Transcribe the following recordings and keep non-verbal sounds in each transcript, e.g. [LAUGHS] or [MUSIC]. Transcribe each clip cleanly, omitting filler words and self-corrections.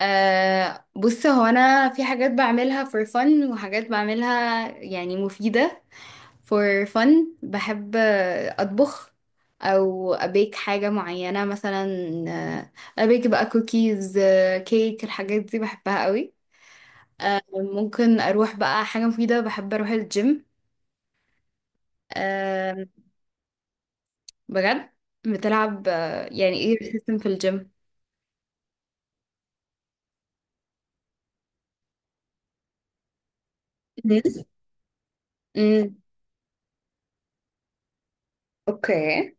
بص، هو انا في حاجات بعملها for fun وحاجات بعملها يعني مفيدة for fun. بحب اطبخ، او ابيك حاجة معينة مثلا، ابيك بقى كوكيز، كيك. الحاجات دي بحبها قوي. ممكن اروح بقى حاجة مفيدة، بحب اروح الجيم. أه، بجد؟ بتلعب؟ يعني ايه السيستم في الجيم؟ مم. امم، اوكي.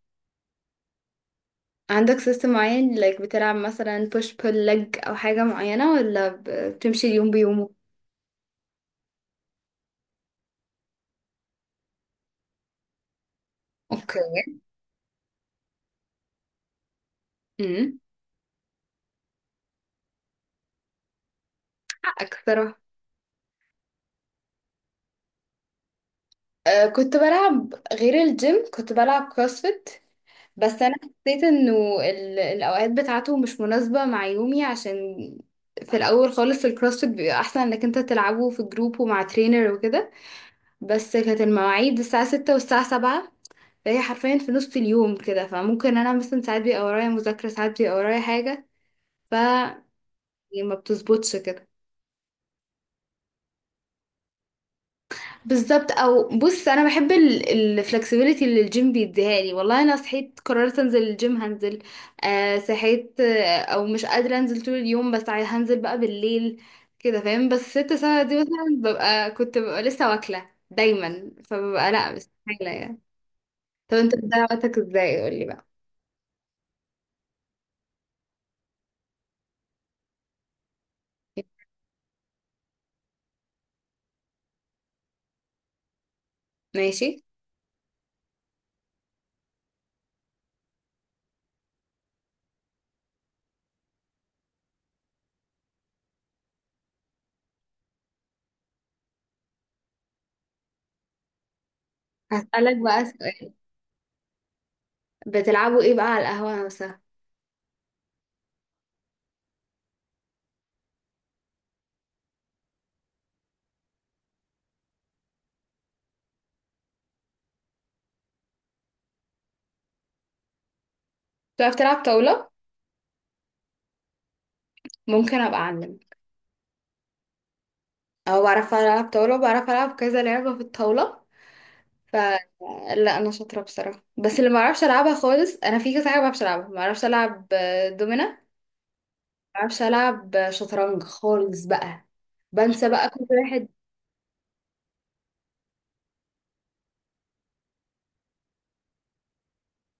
عندك سيستم معين، like بتلعب مثلا push pull leg او حاجة معينة، ولا بتمشي اليوم بيومه؟ اوكي. امم حقك صراحة. كنت بلعب غير الجيم، كنت بلعب كروسفيت. بس انا حسيت انه الاوقات بتاعته مش مناسبة مع يومي، عشان في الاول خالص الكروسفيت بيبقى احسن انك انت تلعبه في جروب ومع ترينر وكده. بس كانت المواعيد الساعة 6 والساعة سبعة، فهي حرفيا في نص اليوم كده، فممكن انا مثلا ساعات بيبقى ورايا مذاكرة، ساعات بيبقى ورايا حاجة، يعني ما بتظبطش كده. بالظبط. او بص، انا بحب الفلكسبيليتي اللي الجيم بيديها لي. والله انا صحيت قررت انزل الجيم هنزل. صحيت، او مش قادره انزل طول اليوم، بس هنزل بقى بالليل. كده؟ فاهم؟ بس 6 ساعة دي مثلا ببقى، كنت ببقى لسه واكله دايما، فببقى لا، مستحيله يعني. طب انت بتضيع وقتك ازاي؟ قولي بقى. ماشي. هسألك بقى سؤال. بتلعبوا ايه بقى على القهوه مثلا؟ بتعرف تلعب طاوله؟ ممكن ابقى اعلم. اه، بعرف العب طاوله، بعرف العب كذا لعبه في الطاوله. ف لا، انا شاطره بصراحه، بس اللي ما اعرفش العبها خالص، انا في كذا حاجه ما بعرفش العبها، ما اعرفش العب دومينه، ما اعرفش العب شطرنج خالص بقى. بنسى بقى كل واحد.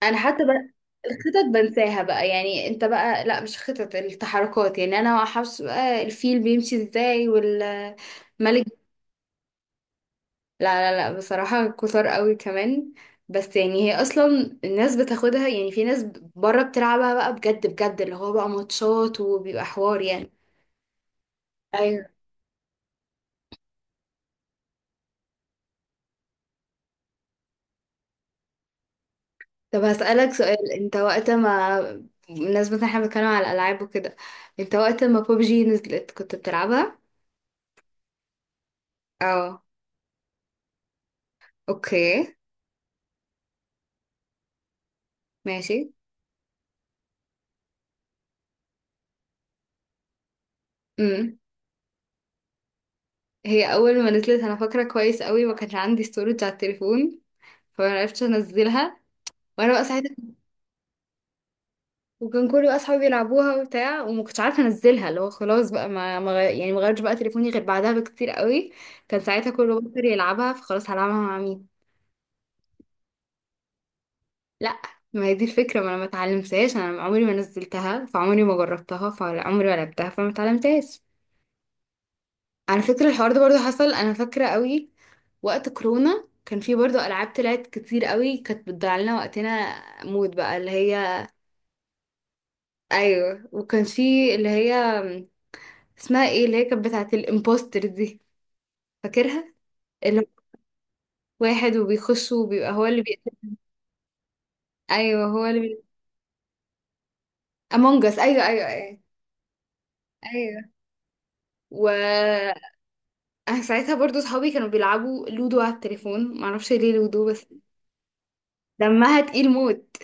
انا حتى بقى الخطط بنساها بقى، يعني انت بقى لا، مش خطط، التحركات، يعني انا ما اعرفش بقى الفيل بيمشي ازاي والملك. لا لا لا، بصراحة كتر قوي كمان. بس يعني هي اصلا الناس بتاخدها، يعني في ناس بره بتلعبها بقى بجد بجد، اللي هو بقى ماتشات وبيبقى حوار يعني. ايوه. طب هسألك سؤال، انت وقت ما، بالنسبة ان احنا بنتكلم على الالعاب وكده، انت وقت ما بوبجي نزلت كنت بتلعبها؟ اه. اوكي. ماشي. امم. هي اول ما نزلت انا فاكرة كويس قوي، ما كانش عندي ستورج على التليفون، فما عرفتش انزلها، وانا بقى ساعتها وكان كل بقى اصحابي بيلعبوها وبتاع، وما كنتش عارفه انزلها، اللي هو خلاص بقى، ما يعني ما غيرتش بقى تليفوني غير بعدها بكتير قوي. كان ساعتها كله بطل يلعبها، فخلاص هلعبها مع مين. لا، ما هي دي الفكره، ما انا ما اتعلمتهاش، انا عمري ما نزلتها، فعمري ما جربتها، فعمري ما لعبتها، فما اتعلمتهاش. على فكره، الحوار ده برضو حصل، انا فاكره قوي. وقت كورونا كان في برضو العاب طلعت كتير قوي كانت بتضيع لنا وقتنا موت بقى، اللي هي... ايوه، وكان في اللي هي اسمها ايه، اللي هي كانت بتاعت الامبوستر دي، فاكرها؟ اللي هو واحد وبيخش وبيبقى هو اللي بيقتل. ايوه، هو اللي امونج اس. ايوه ايوه ايوه. ايوه. و أنا ساعتها برضو صحابي كانوا بيلعبوا لودو على التليفون، معرفش ليه لودو بس. دمها تقيل موت.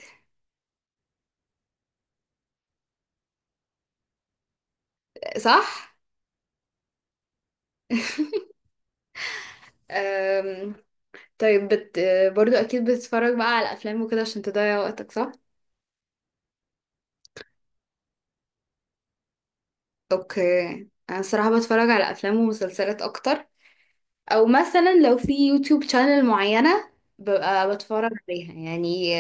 صح. أم... طيب برضو اكيد بتتفرج بقى على افلام وكده عشان تضيع وقتك، صح؟ اوكي. انا الصراحه بتفرج على افلام ومسلسلات اكتر. او مثلا لو في يوتيوب شانل معينه ببقى بتفرج عليها يعني.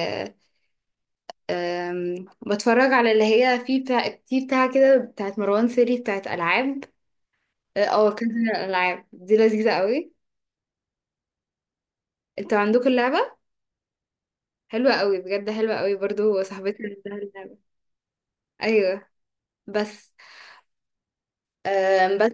بتفرج على اللي هي في بتاع، في بتاع كده، بتاعت مروان سيري، بتاعت ألعاب. اه، كذا الألعاب دي لذيذة قوي. انتوا عندكم اللعبة؟ حلوة قوي بجد، حلوة قوي، برضو صاحبتي عندها اللعبة. ايوه. بس بس.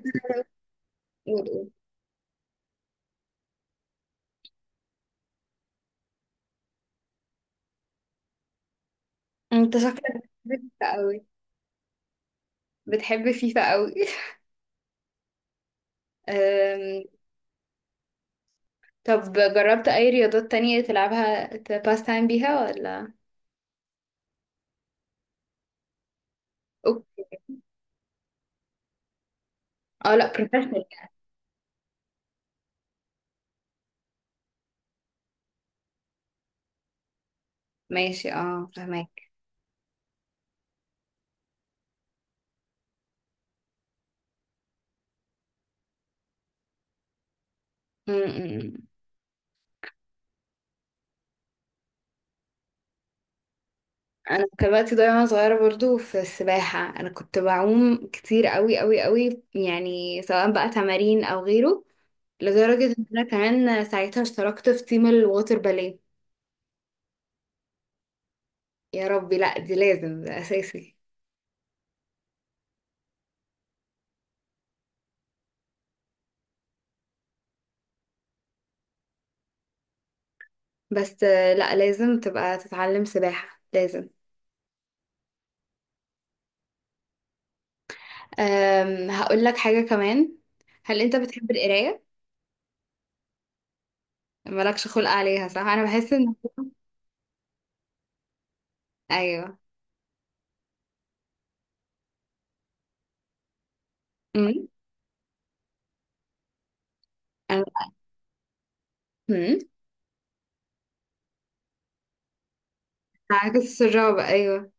انت شكلك بتحب فيفا قوي؟ بتحب فيفا قوي. [LAUGHS] أم، طب جربت اي رياضات تانية تلعبها تباس تايم بيها ولا؟ أوك. اه، لا، بروفيشنال. ماشي، اه، فهمك. انا كان وقتي ضايع وانا صغيره برضو في السباحه، انا كنت بعوم كتير قوي قوي قوي، يعني سواء بقى تمارين او غيره، لدرجه ان انا كمان ساعتها اشتركت في تيم الووتر باليه. يا ربي، لا، دي لازم، ده اساسي. بس لا، لازم تبقى تتعلم سباحه لازم. هقول لك حاجه كمان. هل انت بتحب القرايه؟ مالكش خلق عليها، صح؟ انا بحس ان... ايوه. امم انا. امم عكس الرعب، ايوه.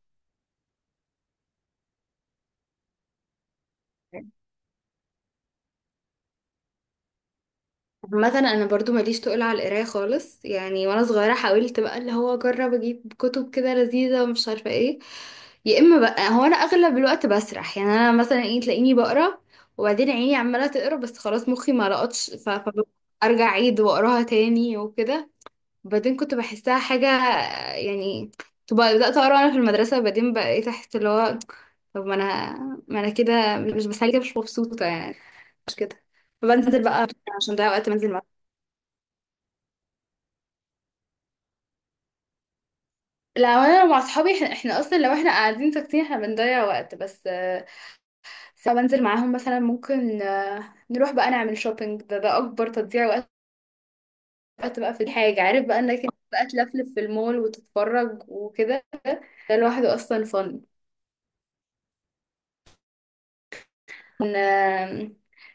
مثلا انا برضو ماليش تقول على القرايه خالص يعني، وانا صغيره حاولت بقى اللي هو اجرب اجيب كتب كده لذيذه ومش عارفه ايه. يا اما بقى هو انا اغلب الوقت بسرح، يعني انا مثلا ايه، تلاقيني بقرا وبعدين عيني عماله تقرا بس خلاص، مخي ما لقطش، فارجع اعيد واقراها تاني وكده. وبعدين كنت بحسها حاجه يعني، تبقى بدات اقرا انا في المدرسه بعدين بقيت احس اللي هو طب ما انا كده مش، بس كده مش مبسوطه يعني، مش كده. فبنزل بقى عشان ده وقت منزل. لا، هو انا مع اصحابي احنا اصلا، لو احنا قاعدين ساكتين احنا بنضيع وقت. بس ساعة بنزل معاهم مثلا، ممكن نروح بقى نعمل شوبينج. ده اكبر تضييع وقت. وقت بقى في الحاجة، عارف بقى انك إنت بقى تلفلف في المول وتتفرج وكده. ده لوحده اصلا فن. آه،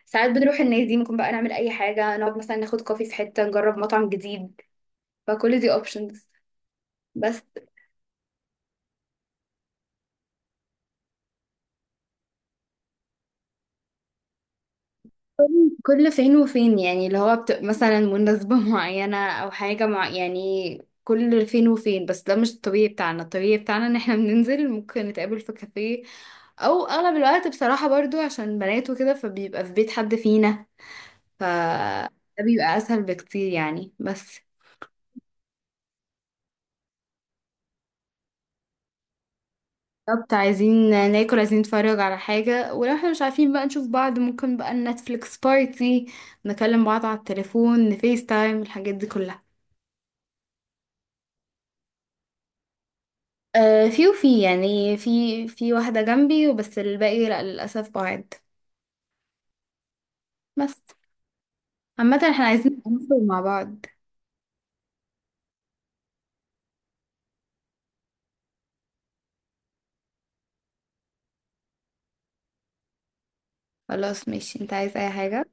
ساعات بنروح النادي، ممكن بقى نعمل اي حاجة، نقعد مثلا ناخد كوفي في حتة، نجرب مطعم جديد، فكل دي اوبشنز. بس. كل فين وفين يعني اللي هو مثلا مناسبة [LAUGHS] معينة أو حاجة يعني كل فين وفين، بس ده مش الطبيعي بتاعنا. الطبيعي بتاعنا إن احنا بننزل ممكن نتقابل في كافيه. أو أغلب الوقت بصراحة برضو عشان بنات وكده، فبيبقى في بيت حد فينا. ف ده بيبقى أسهل بكتير يعني. بس. بالظبط. عايزين ناكل، عايزين نتفرج على حاجة، ولو احنا مش عارفين بقى نشوف بعض ممكن بقى نتفليكس بارتي، نكلم بعض على التليفون، نفيس تايم، الحاجات دي كلها. آه، في وفي يعني، في في واحدة جنبي، وبس الباقي لأ للأسف بعاد. بس. عامة، احنا عايزين نخرج مع بعض. خلاص، ماشي. انت عايز أي حاجة؟